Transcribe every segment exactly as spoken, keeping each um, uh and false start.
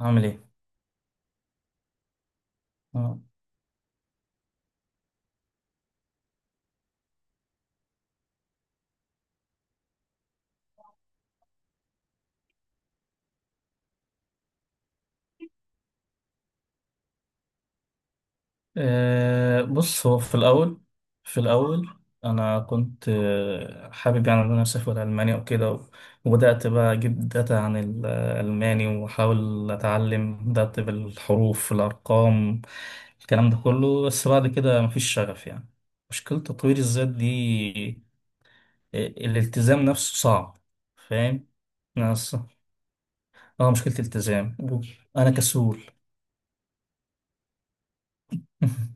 هعمل ايه. آه. آه، بص هو في الاول. في الاول انا كنت آه، حابب يعني ان انا اسافر المانيا وكده. و- وبدات بقى اجيب داتا عن الالماني واحاول اتعلم، بدات بالحروف، الارقام، الكلام ده كله، بس بعد كده مفيش شغف. يعني مشكله تطوير الذات دي، آه، الالتزام نفسه صعب. فاهم؟ ناس. اه، مشكله التزام. انا كسول.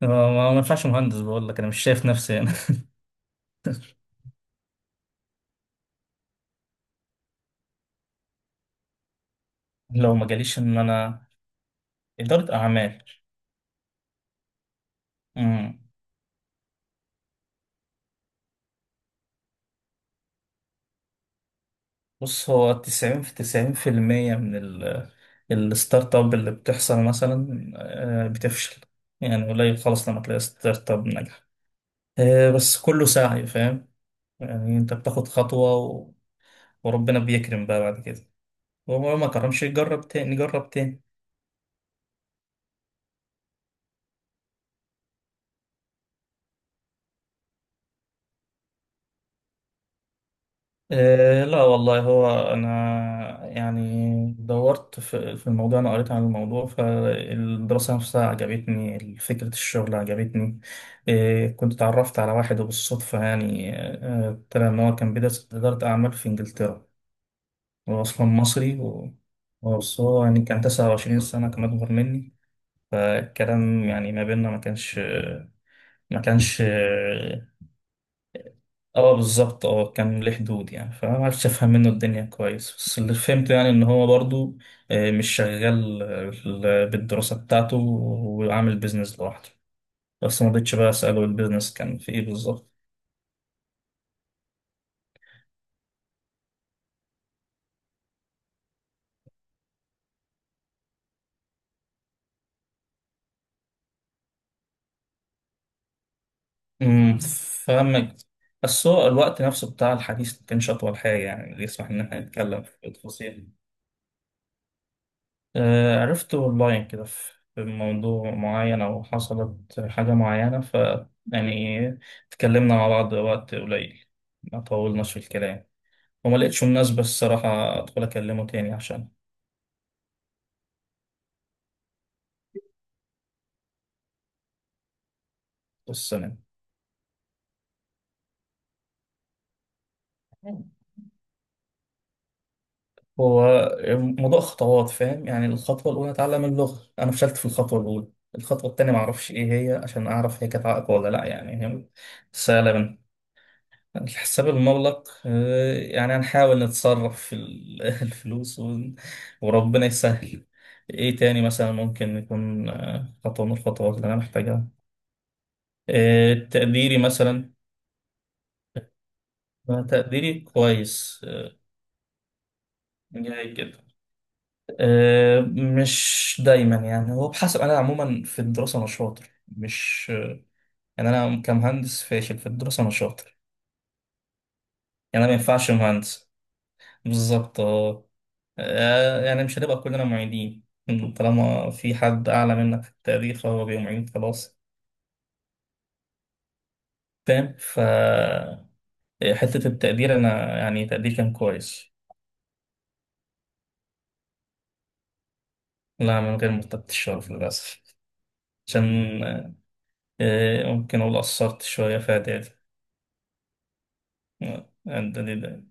ما ما ينفعش مهندس، بقول لك انا مش شايف نفسي. لو ما جاليش ان انا، اداره اعمال. امم. بص، هو تسعين في تسعين في المئة من ال- الستارت اب اللي بتحصل، مثلا، آه، بتفشل. يعني قليل خالص لما تلاقي ستارت اب ناجح. آه، بس كله سعي، فاهم؟ يعني انت بتاخد خطوه و- وربنا بيكرم بقى بعد كده. وهو ما كرمش، يجرب تاني، جرب تاني. إيه، لا والله، هو أنا يعني دورت في في الموضوع، أنا قريت عن الموضوع، فالدراسة نفسها عجبتني، فكرة الشغل عجبتني. إيه، كنت اتعرفت على واحد وبالصدفة، يعني آه، طلع إن هو كان بيدرس إدارة أعمال في إنجلترا. هو أصلا مصري و- بس هو يعني كان تسعة وعشرين سنة، كان أكبر مني. فالكلام يعني ما بيننا ما كانش، ما كانش اه، بالظبط. اه، كان ليه حدود يعني، فما عرفتش افهم منه الدنيا كويس، بس اللي فهمته يعني ان هو برضو آه، مش شغال آه، بال- بالدراسة بتاعته، وعامل بيزنس لوحده. بس ما رضيتش بقى اساله البيزنس كان في ايه بالظبط. امم. فاهمك. بس هو الوقت نفسه بتاع الحديث ما كانش اطول حاجة يعني اللي يسمح ان احنا نتكلم في التفاصيل. آه، عرفت أونلاين كده في في موضوع معين، أو حصلت حاجة معينة، ف يعني اتكلمنا مع بعض وقت قليل، ما طولناش في الكلام، وما لقيتش مناسبة الصراحة أدخل أكلمه تاني، عشان. بس أنا، هو موضوع خطوات، فاهم؟ يعني الخطوة الأولى أتعلم اللغة، أنا فشلت في الخطوة الأولى. الخطوة التانية معرفش إيه هي عشان أعرف هي كانت عائق ولا لأ. يعني هي سهلة. الحساب المغلق، آه، يعني هنحاول نتصرف في ال- الفلوس، ون- وربنا يسهل. ايه تاني مثلا ممكن يكون آه، خطوة من الخطوات اللي انا محتاجها؟ آه، تقديري مثلا. آه، تقديري كويس، آه، جاي كده. آه، مش دايما يعني، هو بحسب، انا عموما في الدراسة انا شاطر، مش آه، يعني انا كمهندس فاشل، في الدراسة انا شاطر. يعني انا ما ينفعش مهندس، بالظبط اه. آه، يعني مش هنبقى كلنا معيدين، طالما في حد أعلى منك في التقدير فهو بيبقى معيد خلاص. فاهم؟ ف حتة التقدير أنا يعني تقديري كان كويس. لا، من غير مرتبة الشرف للأسف. عشان آه، ممكن أقول قصرت شوية في إعدادي. آه، إعدادي ده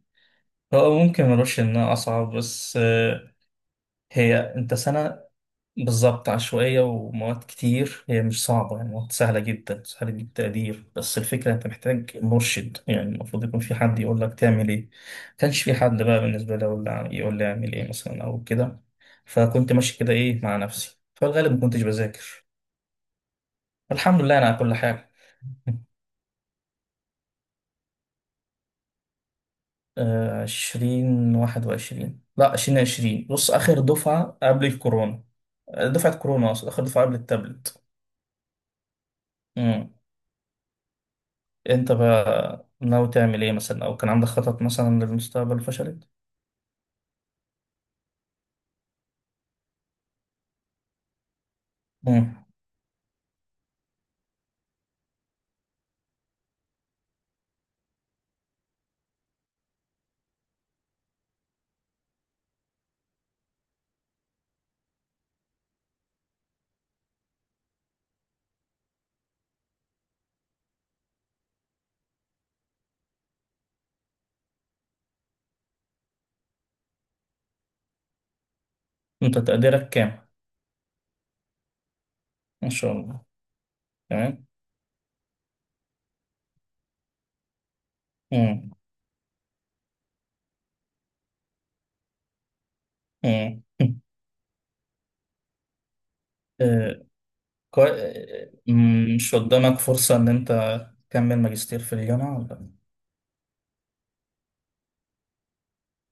هو ممكن ملوش إنها أصعب، بس آه، هي، أنت سنة، بالظبط، عشوائية ومواد كتير، هي مش صعبة يعني، مواد سهلة جدا، سهلة التقدير، بس الفكرة أنت محتاج مرشد يعني، المفروض يكون في حد يقول لك تعمل إيه. كانش في حد بقى بالنسبة لي يقول لي يقول لي أعمل إيه مثلا أو كده. فكنت ماشي كده، إيه، مع نفسي، فالغالب ما كنتش بذاكر. الحمد لله أنا على كل حاجة. آه، عشرين واحد وعشرين، لا عشرين عشرين، بص، آخر دفعة قبل الكورونا. دفعة كورونا أقصد، آخر دفعة قبل التابلت. انت بقى ناوي تعمل ايه مثلا، او كان عندك خطط مثلا للمستقبل فشلت؟ مم. انت تقديرك كام؟ ان شاء الله. تمام. مم. مم. آه، كوي... آه، مم، مش قدامك فرصة ان انت تكمل ماجستير في الجامعة ولا؟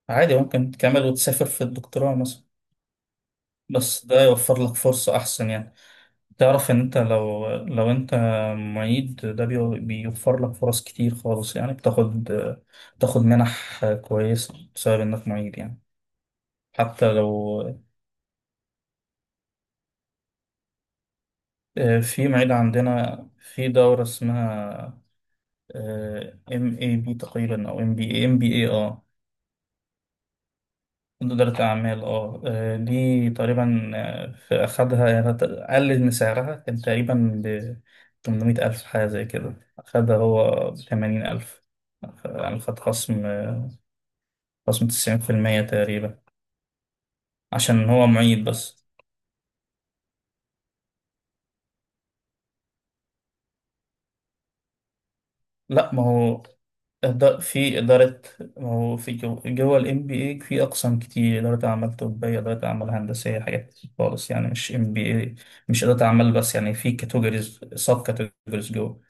عادي، ممكن تكمل وتسافر في الدكتوراه مثلا. بس ده يوفر لك فرصة احسن يعني. تعرف ان انت، لو لو انت معيد، ده بيو- بيوفر لك فرص كتير خالص يعني، بتاخد بتاخد منح كويسة بسبب انك معيد يعني. حتى لو آه، في معيد عندنا في دورة اسمها ام اي بي تقريبا، او ام بي اي، ام بي اي، اه إدارة أعمال، اه. آه، دي تقريبا، آه، في أخدها يعني، هت- قلل من سعرها، كان تقريبا ب تمنمية ألف حاجة زي كده، أخدها هو بثمانين ألف، يعني خد خصم آه، خصم تسعين في المية تقريبا، عشان هو معيد بس. لأ، ما هو إد- في إدارة، هو في جو- جوه ال ام بي اي في أقسام كتير، إدارة أعمال طبية، إدارة أعمال هندسية، حاجات كتير خالص يعني، مش ام بي اي مش إدارة أعمال بس يعني، في كاتيجوريز، سب كاتيجوريز جوه.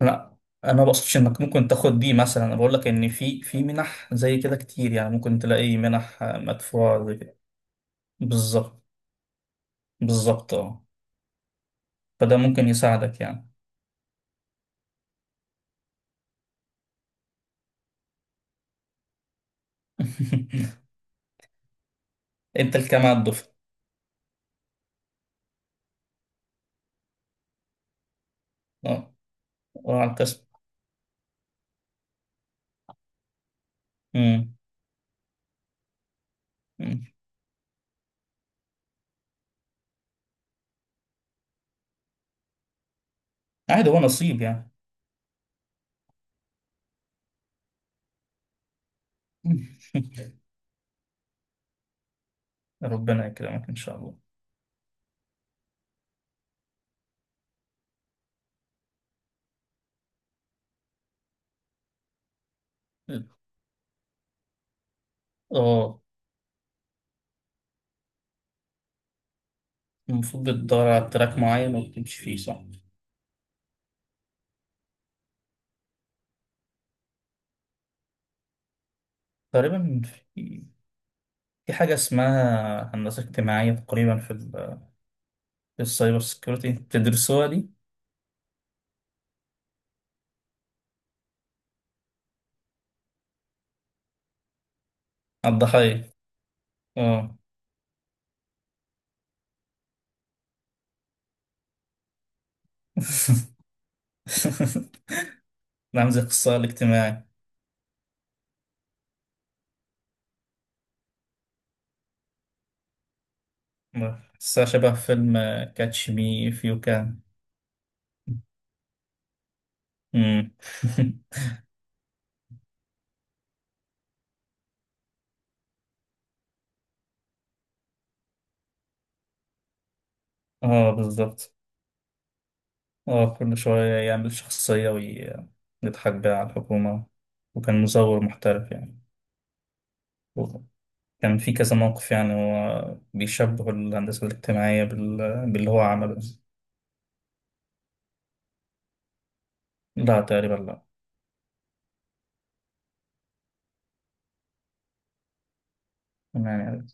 لا، أنا ما بقصدش إنك ممكن تاخد دي مثلا، أنا بقول لك إن في في منح زي كده كتير يعني، ممكن تلاقي منح آه، مدفوعة زي كده. بالظبط. بالظبط، أه. فده ممكن يساعدك يعني. أنت الكام على الدفعة؟ أه، وعلى القسم؟ أمم. أمم. عادي، هو نصيب يعني. ربنا يكرمك إن شاء الله. اه، المفروض بتدور على تراك معين وبتمشي فيه، صح؟ تقريبا، في في حاجة اسمها هندسة اجتماعية تقريبا في ال، في السايبر سيكيورتي بتدرسوها دي؟ على الضحايا. اه. نعم، زي القصة الاجتماعي. قصة شبه فيلم كاتش مي اف يو كان. اه، بالظبط. اه، كل شوية يعمل شخصية ويضحك بيها على الحكومة، وكان مزور محترف يعني، كان في كذا موقف يعني، هو بيشبه الهندسة الاجتماعية بال... باللي هو عمله. لا تقريبا، لا. يعني